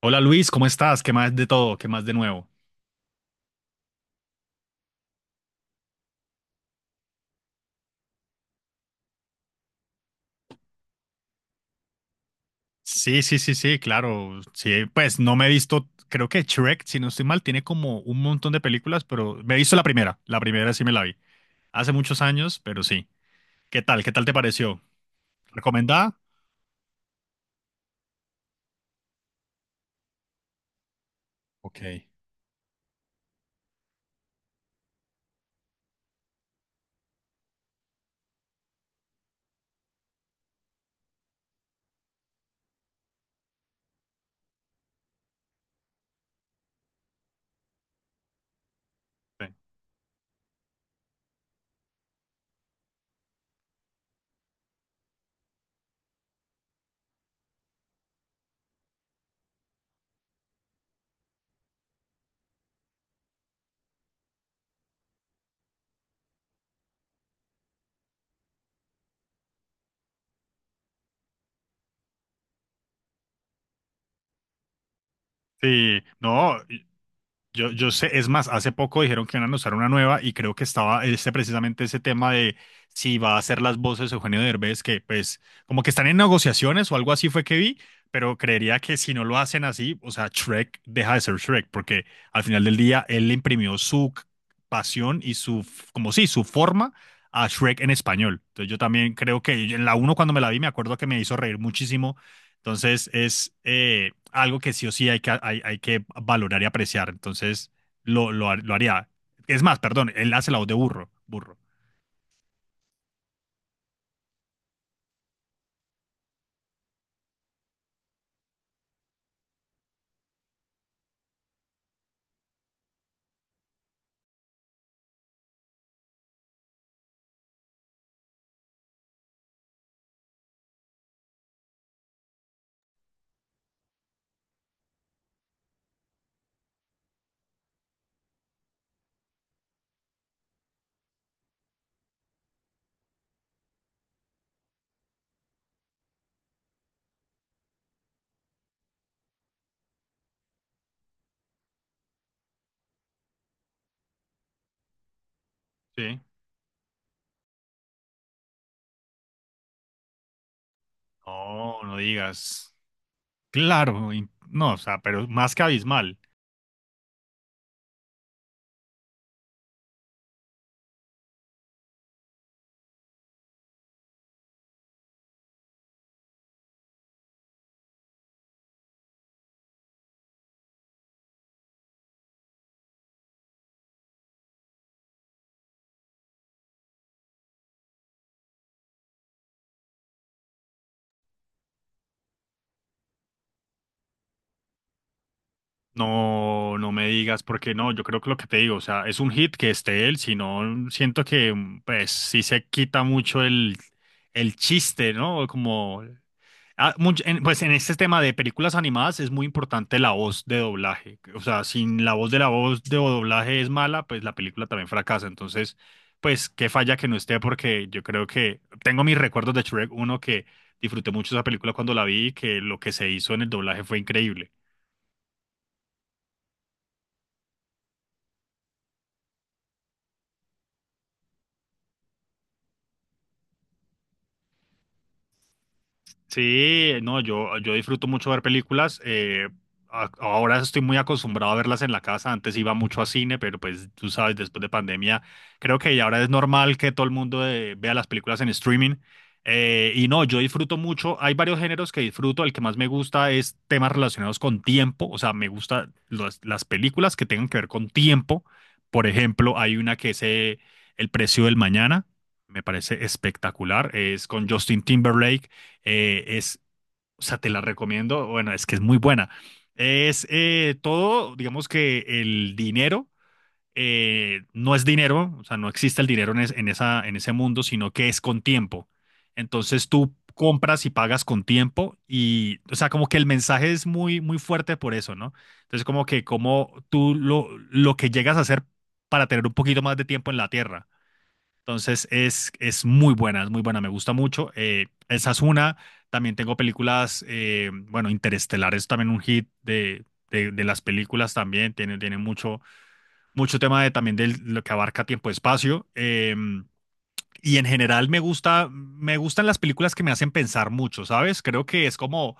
Hola Luis, ¿cómo estás? ¿Qué más de todo? ¿Qué más de nuevo? Sí, sí, sí, sí, claro. Sí, pues no me he visto, creo que Shrek, si no estoy mal, tiene como un montón de películas, pero me he visto la primera. La primera sí me la vi. Hace muchos años, pero sí. ¿Qué tal? ¿Qué tal te pareció? ¿Recomendada? Ok. Sí, no. Yo sé, es más, hace poco dijeron que iban a lanzar una nueva y creo que estaba este, precisamente ese tema de si va a hacer las voces Eugenio Derbez, que pues como que están en negociaciones o algo así fue que vi, pero creería que si no lo hacen así, o sea, Shrek deja de ser Shrek, porque al final del día él le imprimió pasión y como sí, su forma a Shrek en español. Entonces yo también creo que en la uno cuando me la vi me acuerdo que me hizo reír muchísimo, entonces es algo que sí o sí hay que, hay que valorar y apreciar. Entonces lo haría. Es más, perdón, él hace la voz de burro, burro. Sí. No, no digas. Claro, no, o sea, pero más que abismal. No, no me digas, porque no, yo creo que lo que te digo, o sea, es un hit que esté él, si no, siento que, pues, sí se quita mucho el chiste, ¿no? Como ah, pues en este tema de películas animadas es muy importante la voz de doblaje. O sea, sin la voz de doblaje es mala, pues la película también fracasa. Entonces, pues qué falla que no esté, porque yo creo que tengo mis recuerdos de Shrek uno, que disfruté mucho esa película cuando la vi y que lo que se hizo en el doblaje fue increíble. Sí, no, yo disfruto mucho ver películas. Ahora estoy muy acostumbrado a verlas en la casa. Antes iba mucho a cine, pero pues tú sabes, después de pandemia, creo que ya ahora es normal que todo el mundo vea las películas en streaming. Y no, yo disfruto mucho. Hay varios géneros que disfruto. El que más me gusta es temas relacionados con tiempo. O sea, me gustan las películas que tengan que ver con tiempo. Por ejemplo, hay una que es El precio del mañana. Me parece espectacular. Es con Justin Timberlake. eh, es, o sea, te la recomiendo, bueno, es que es muy buena. Es todo, digamos que el dinero no es dinero, o sea, no existe el dinero en, en esa, en ese mundo, sino que es con tiempo. Entonces tú compras y pagas con tiempo y, o sea, como que el mensaje es muy, muy fuerte por eso, ¿no? Entonces como que como tú lo que llegas a hacer para tener un poquito más de tiempo en la tierra. Entonces es muy buena, me gusta mucho. Esa es una. También tengo películas, bueno, Interestelar es también un hit de las películas también, tiene mucho, mucho tema de, también de lo que abarca tiempo-espacio. Y en general me gusta, me gustan las películas que me hacen pensar mucho, ¿sabes? Creo que es como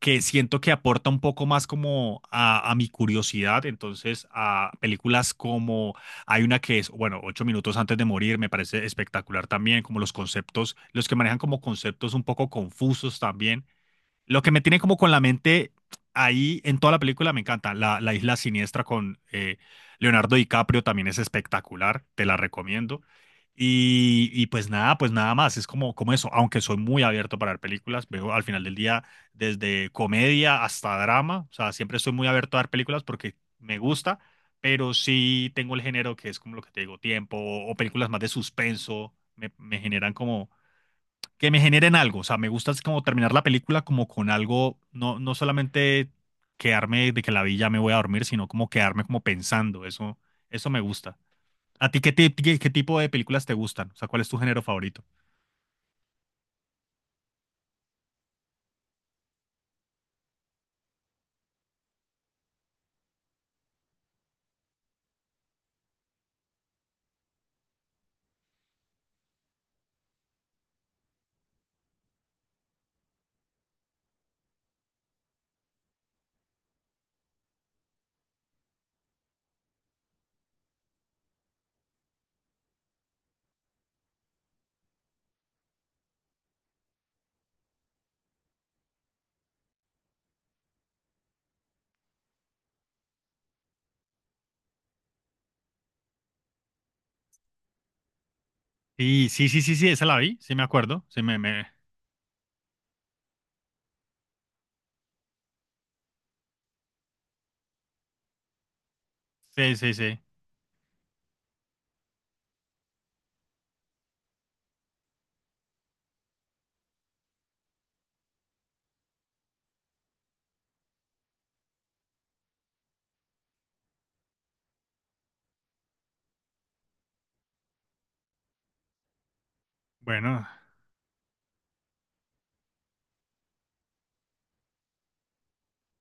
que siento que aporta un poco más como a mi curiosidad, entonces a películas como hay una que es, bueno, Ocho minutos antes de morir, me parece espectacular también, como los conceptos, los que manejan como conceptos un poco confusos también, lo que me tiene como con la mente ahí en toda la película, me encanta. La Isla Siniestra con Leonardo DiCaprio también es espectacular, te la recomiendo. Y pues nada más, es como, como eso, aunque soy muy abierto para ver películas, veo al final del día desde comedia hasta drama, o sea, siempre estoy muy abierto a ver películas porque me gusta, pero sí tengo el género que es como lo que te digo, tiempo o películas más de suspenso, me generan como que me generen algo. O sea, me gusta es como terminar la película como con algo, no, no solamente quedarme de que la vi ya me voy a dormir, sino como quedarme como pensando. Eso me gusta. ¿A ti qué, qué, qué tipo de películas te gustan? O sea, ¿cuál es tu género favorito? Sí, sí, sí, sí, sí, esa la vi, sí me acuerdo. Sí, me... Sí, sí, sí. Bueno.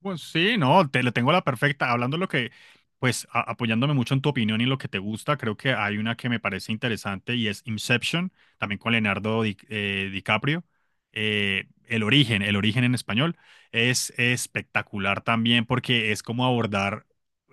Pues sí, no, te le tengo la perfecta. Hablando lo que, pues apoyándome mucho en tu opinión y en lo que te gusta, creo que hay una que me parece interesante y es Inception, también con Leonardo DiCaprio. El origen en español, es espectacular también porque es como abordar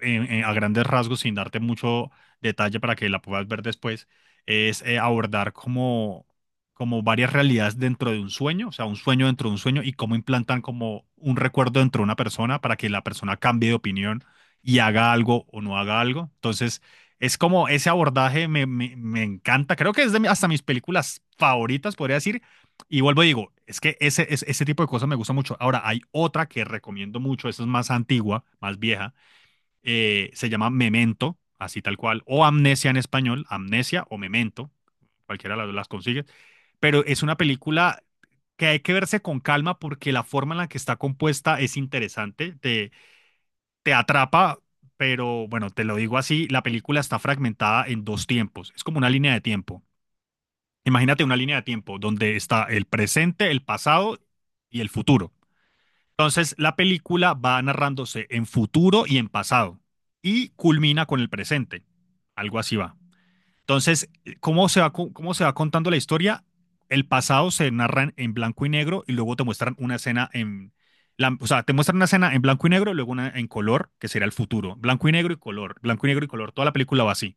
a grandes rasgos, sin darte mucho detalle para que la puedas ver después, es abordar como varias realidades dentro de un sueño, o sea, un sueño dentro de un sueño y cómo implantan como un recuerdo dentro de una persona para que la persona cambie de opinión y haga algo o no haga algo. Entonces, es como ese abordaje me encanta. Creo que es de hasta mis películas favoritas, podría decir. Y vuelvo y digo, es que ese, ese tipo de cosas me gusta mucho. Ahora, hay otra que recomiendo mucho, esa es más antigua, más vieja, se llama Memento, así tal cual, o Amnesia en español, Amnesia o Memento, cualquiera de las consigue, pero es una película que hay que verse con calma porque la forma en la que está compuesta es interesante, te atrapa, pero bueno, te lo digo así, la película está fragmentada en dos tiempos, es como una línea de tiempo. Imagínate una línea de tiempo donde está el presente, el pasado y el futuro. Entonces, la película va narrándose en futuro y en pasado y culmina con el presente. Algo así va. Entonces, ¿cómo se va, cómo se va contando la historia? El pasado se narra en blanco y negro y luego te muestran una escena en... o sea, te muestran una escena en blanco y negro y luego una en color, que será el futuro. Blanco y negro y color, blanco y negro y color. Toda la película va así,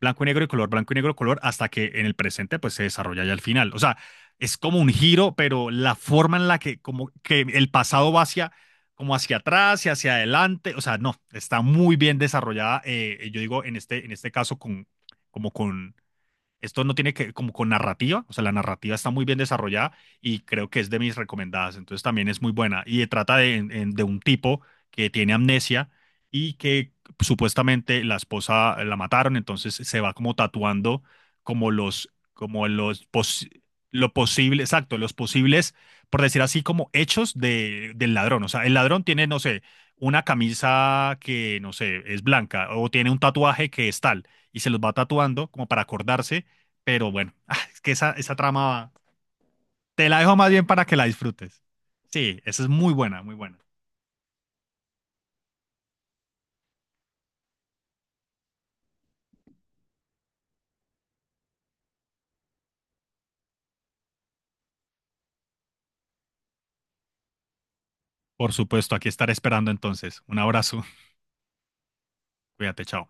blanco y negro y color, blanco y negro, color, hasta que en el presente pues se desarrolla ya al final. O sea, es como un giro, pero la forma en la que como que el pasado va hacia como hacia atrás y hacia adelante, o sea, no, está muy bien desarrollada, yo digo en este caso con, como con esto no tiene que como con narrativa, o sea, la narrativa está muy bien desarrollada y creo que es de mis recomendadas, entonces también es muy buena. Y trata de, de un tipo que tiene amnesia y que supuestamente la esposa la mataron, entonces se va como tatuando como los, lo posible, exacto, los posibles, por decir así, como hechos de, del ladrón. O sea, el ladrón tiene, no sé, una camisa que, no sé, es blanca o tiene un tatuaje que es tal y se los va tatuando como para acordarse, pero bueno, es que esa trama te la dejo más bien para que la disfrutes. Sí, esa es muy buena, muy buena. Por supuesto, aquí estaré esperando entonces. Un abrazo. Cuídate, chao.